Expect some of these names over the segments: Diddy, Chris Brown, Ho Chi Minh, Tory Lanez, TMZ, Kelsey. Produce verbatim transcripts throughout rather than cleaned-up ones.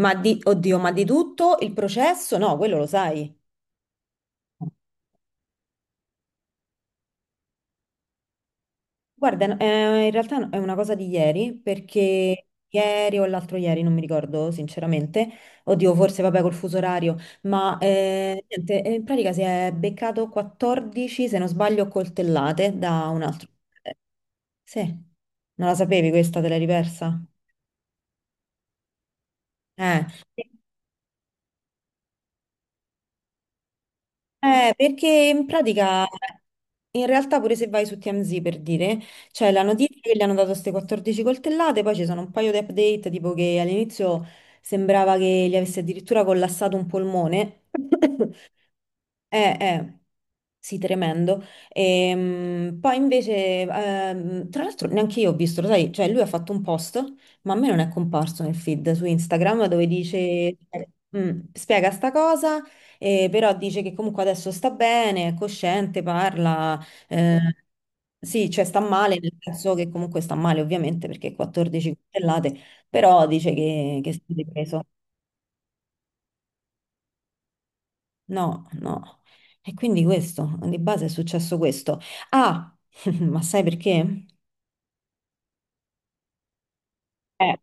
Ma di, oddio, ma di tutto il processo? No, quello lo sai. Guarda, eh, in realtà è una cosa di ieri, perché ieri o l'altro ieri, non mi ricordo sinceramente, oddio, forse vabbè col fuso orario, ma eh, niente, eh, in pratica si è beccato quattordici, se non sbaglio, coltellate da un altro. eh, Sì, non la sapevi questa, te l'hai ripersa? Eh, eh, perché in pratica In realtà pure se vai su T M Z per dire, c'è la notizia che gli hanno dato queste quattordici coltellate, poi ci sono un paio di update, tipo che all'inizio sembrava che gli avesse addirittura collassato un polmone. Eh, eh, sì, tremendo. Ehm, poi invece, ehm, tra l'altro, neanche io ho visto, lo sai, cioè lui ha fatto un post, ma a me non è comparso nel feed su Instagram dove dice, eh, mm, spiega sta cosa, eh, però dice che comunque adesso sta bene, è cosciente, parla, eh, sì, cioè sta male, nel senso che comunque sta male ovviamente perché quattordici coltellate, però dice che, che si è ripreso. No, no. E quindi questo, di base è successo questo. Ah, ma sai perché? Eh,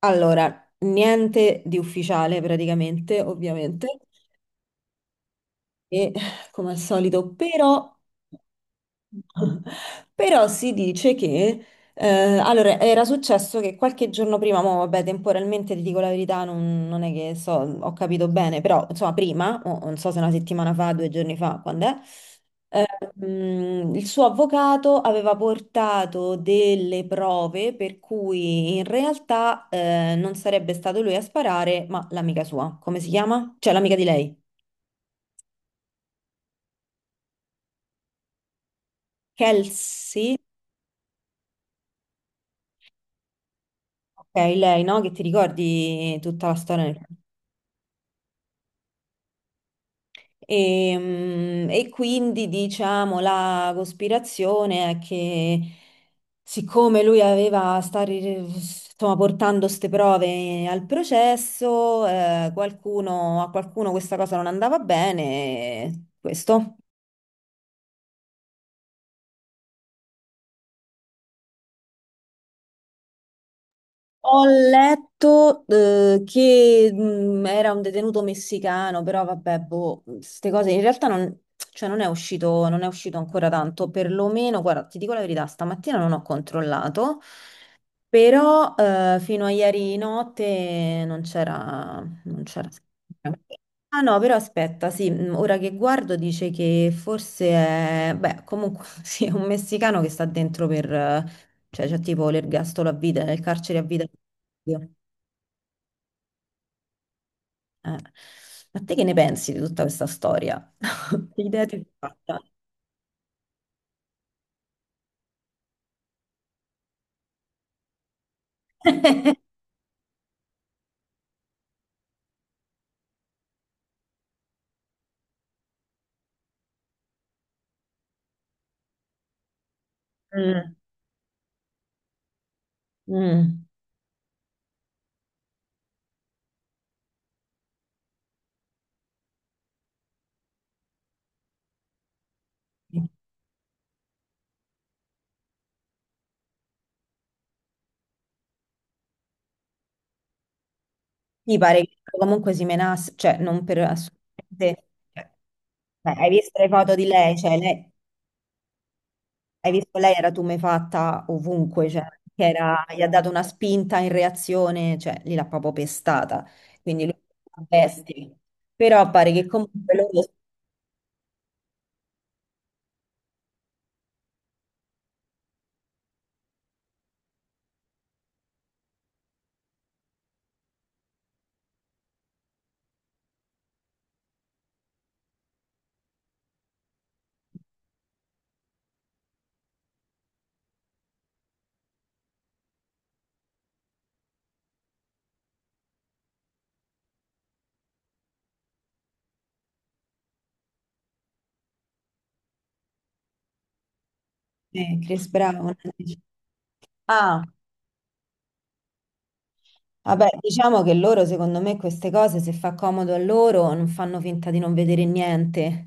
allora, niente di ufficiale praticamente, ovviamente, e come al solito, però, però si dice che, eh, allora, era successo che qualche giorno prima, mo, vabbè, temporalmente ti dico la verità, non, non è che so, ho capito bene, però, insomma, prima, o non so se una settimana fa, due giorni fa, quando è? Mm, il suo avvocato aveva portato delle prove per cui in realtà eh, non sarebbe stato lui a sparare, ma l'amica sua. Come si chiama? Cioè l'amica di lei. Kelsey? Ok, lei, no? Che ti ricordi tutta la storia? E, mm, e quindi diciamo la cospirazione è che siccome lui aveva stare insomma, portando queste prove al processo, eh, qualcuno, a qualcuno questa cosa non andava bene, questo. Ho letto, eh, che mh, era un detenuto messicano, però vabbè, boh, queste cose in realtà non, cioè non è uscito, non è uscito ancora tanto, perlomeno, guarda, ti dico la verità, stamattina non ho controllato, però eh, fino a ieri notte non c'era, non c'era. Ah no, però aspetta, sì, mh, ora che guardo dice che forse è, beh, comunque sì, è un messicano che sta dentro per, cioè, c'è tipo l'ergastolo a vita, nel carcere a vita. Dio. Eh. Ma te che ne pensi di tutta questa storia? Che idea ti sei fatta? Mm, mm. Ti pare che comunque si menasse, cioè non per assolutamente. Cioè, eh, hai visto le foto di lei, cioè lei, hai visto lei era tumefatta ovunque, cioè che era- gli ha dato una spinta in reazione, cioè lì l'ha proprio pestata, quindi lui la bestia. Però pare che comunque loro, eh, Chris Brown. Ah. Vabbè, diciamo che loro, secondo me, queste cose, se fa comodo a loro, non fanno finta di non vedere niente.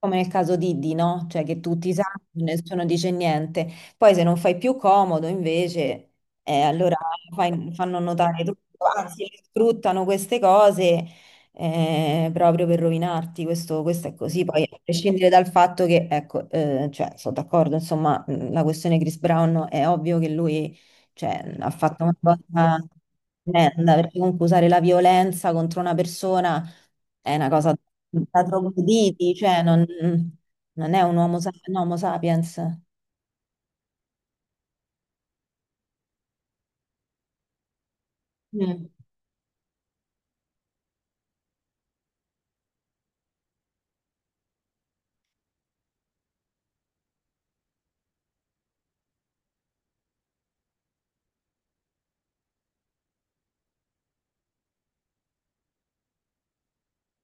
Come nel caso di Diddy, no? Cioè che tutti sanno, nessuno dice niente. Poi se non fai più comodo, invece, eh, allora fai- fanno notare tutto, anzi, sfruttano queste cose eh, proprio per rovinarti. Questo, questo è così. Poi, a prescindere dal fatto che, ecco, eh, cioè, sono d'accordo, insomma, mh, la questione Chris Brown è ovvio che lui cioè, ha fatto una cosa tremenda, perché comunque usare la violenza contro una persona è una cosa da trogloditi, cioè non, non è un uomo, sa- un homo sapiens. Mm.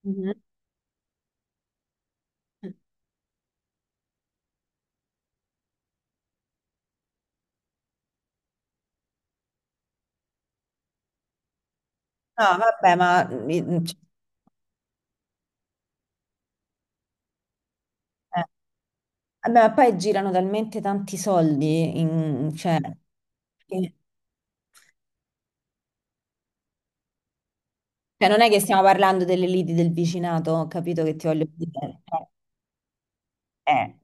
Mhm. No, vabbè, ma, eh, cioè, eh, vabbè, ma poi girano talmente tanti soldi, in- cioè, che- cioè, non è che stiamo parlando delle liti del vicinato, ho capito che ti voglio dire. Eh, eh.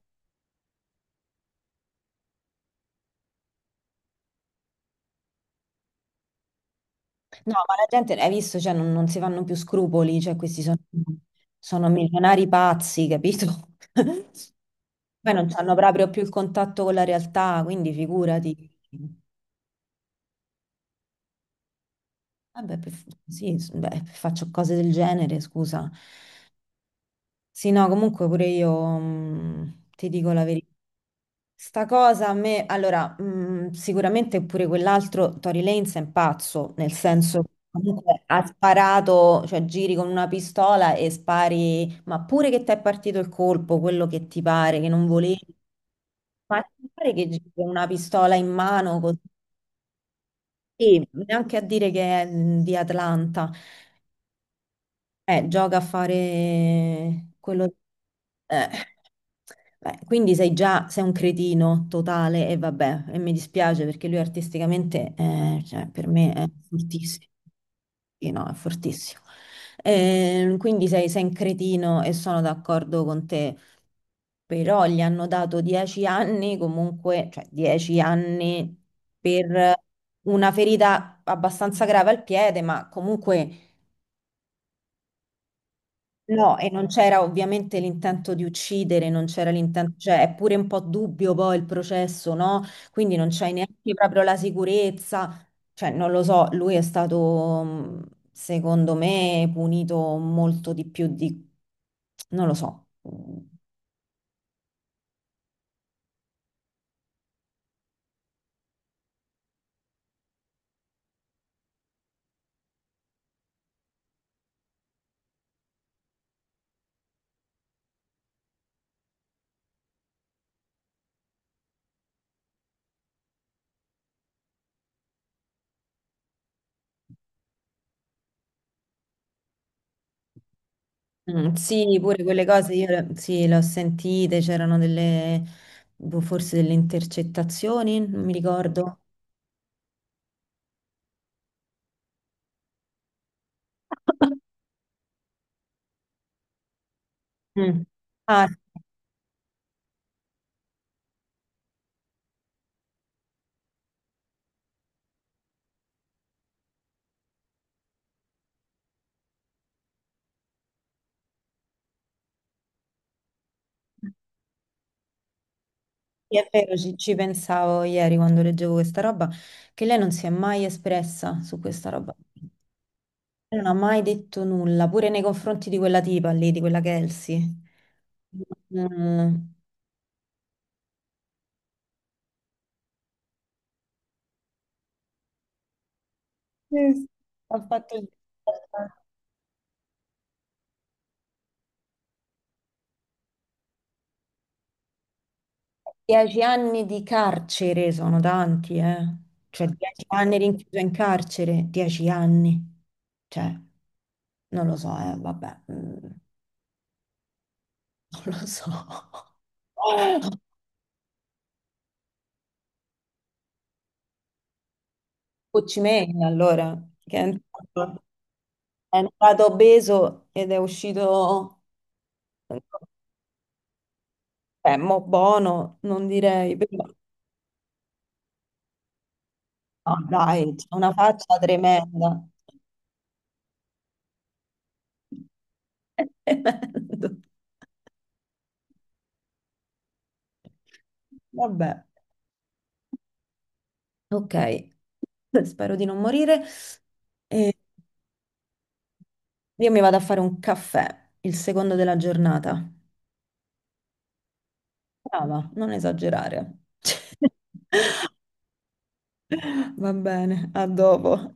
No, ma la gente, hai visto, cioè, non, non si fanno più scrupoli, cioè, questi sono, sono milionari pazzi, capito? Poi non hanno proprio più il contatto con la realtà, quindi figurati. Vabbè, per- sì, s- beh, faccio cose del genere, scusa. Sì, no, comunque pure io, mh, ti dico la verità. Sta cosa a me, allora, mm, sicuramente pure quell'altro Tory Lanez è un pazzo, nel senso che comunque ha sparato, cioè giri con una pistola e spari, ma pure che ti è partito il colpo, quello che ti pare, che non volevi, ma ti pare che giri con una pistola in mano così. Sì, neanche a dire che è mm, di Atlanta. Eh, gioca a fare quello, eh. Beh, quindi sei già, sei un cretino totale e vabbè, e mi dispiace perché lui artisticamente, eh, cioè, per me è fortissimo. Sì, no, è fortissimo. Ehm, quindi sei, sei un cretino e sono d'accordo con te, però gli hanno dato dieci anni comunque, cioè dieci anni per una ferita abbastanza grave al piede, ma comunque. No, e non c'era ovviamente l'intento di uccidere, non c'era l'intento, cioè è pure un po' dubbio poi il processo, no? Quindi non c'hai neanche proprio la sicurezza, cioè non lo so, lui è stato mh, secondo me punito molto di più di, non lo so. Mm, mm, sì, pure quelle cose io le- sì, le ho sentite, c'erano delle, boh, forse delle intercettazioni, non mi ricordo. Mm. Ah, sì, è vero, ci, ci pensavo ieri quando leggevo questa roba, che lei non si è mai espressa su questa roba. Lei non ha mai detto nulla, pure nei confronti di quella tipa lì, di quella Kelsey. Mm, sì, sì. Ha fatto dieci anni di carcere, sono tanti, eh. Cioè, dieci anni rinchiuso in carcere, dieci anni. Cioè, non lo so, eh, vabbè, mm, non lo so. Ho Chi Minh, allora, che è entrato, è entrato obeso ed è uscito, eh, mo buono, non direi, però, no, dai, c'ha una faccia tremenda. È tremendo. Vabbè, ok, spero di non morire. E io mi vado a fare un caffè, il secondo della giornata. Brava, non esagerare. Va bene, a dopo.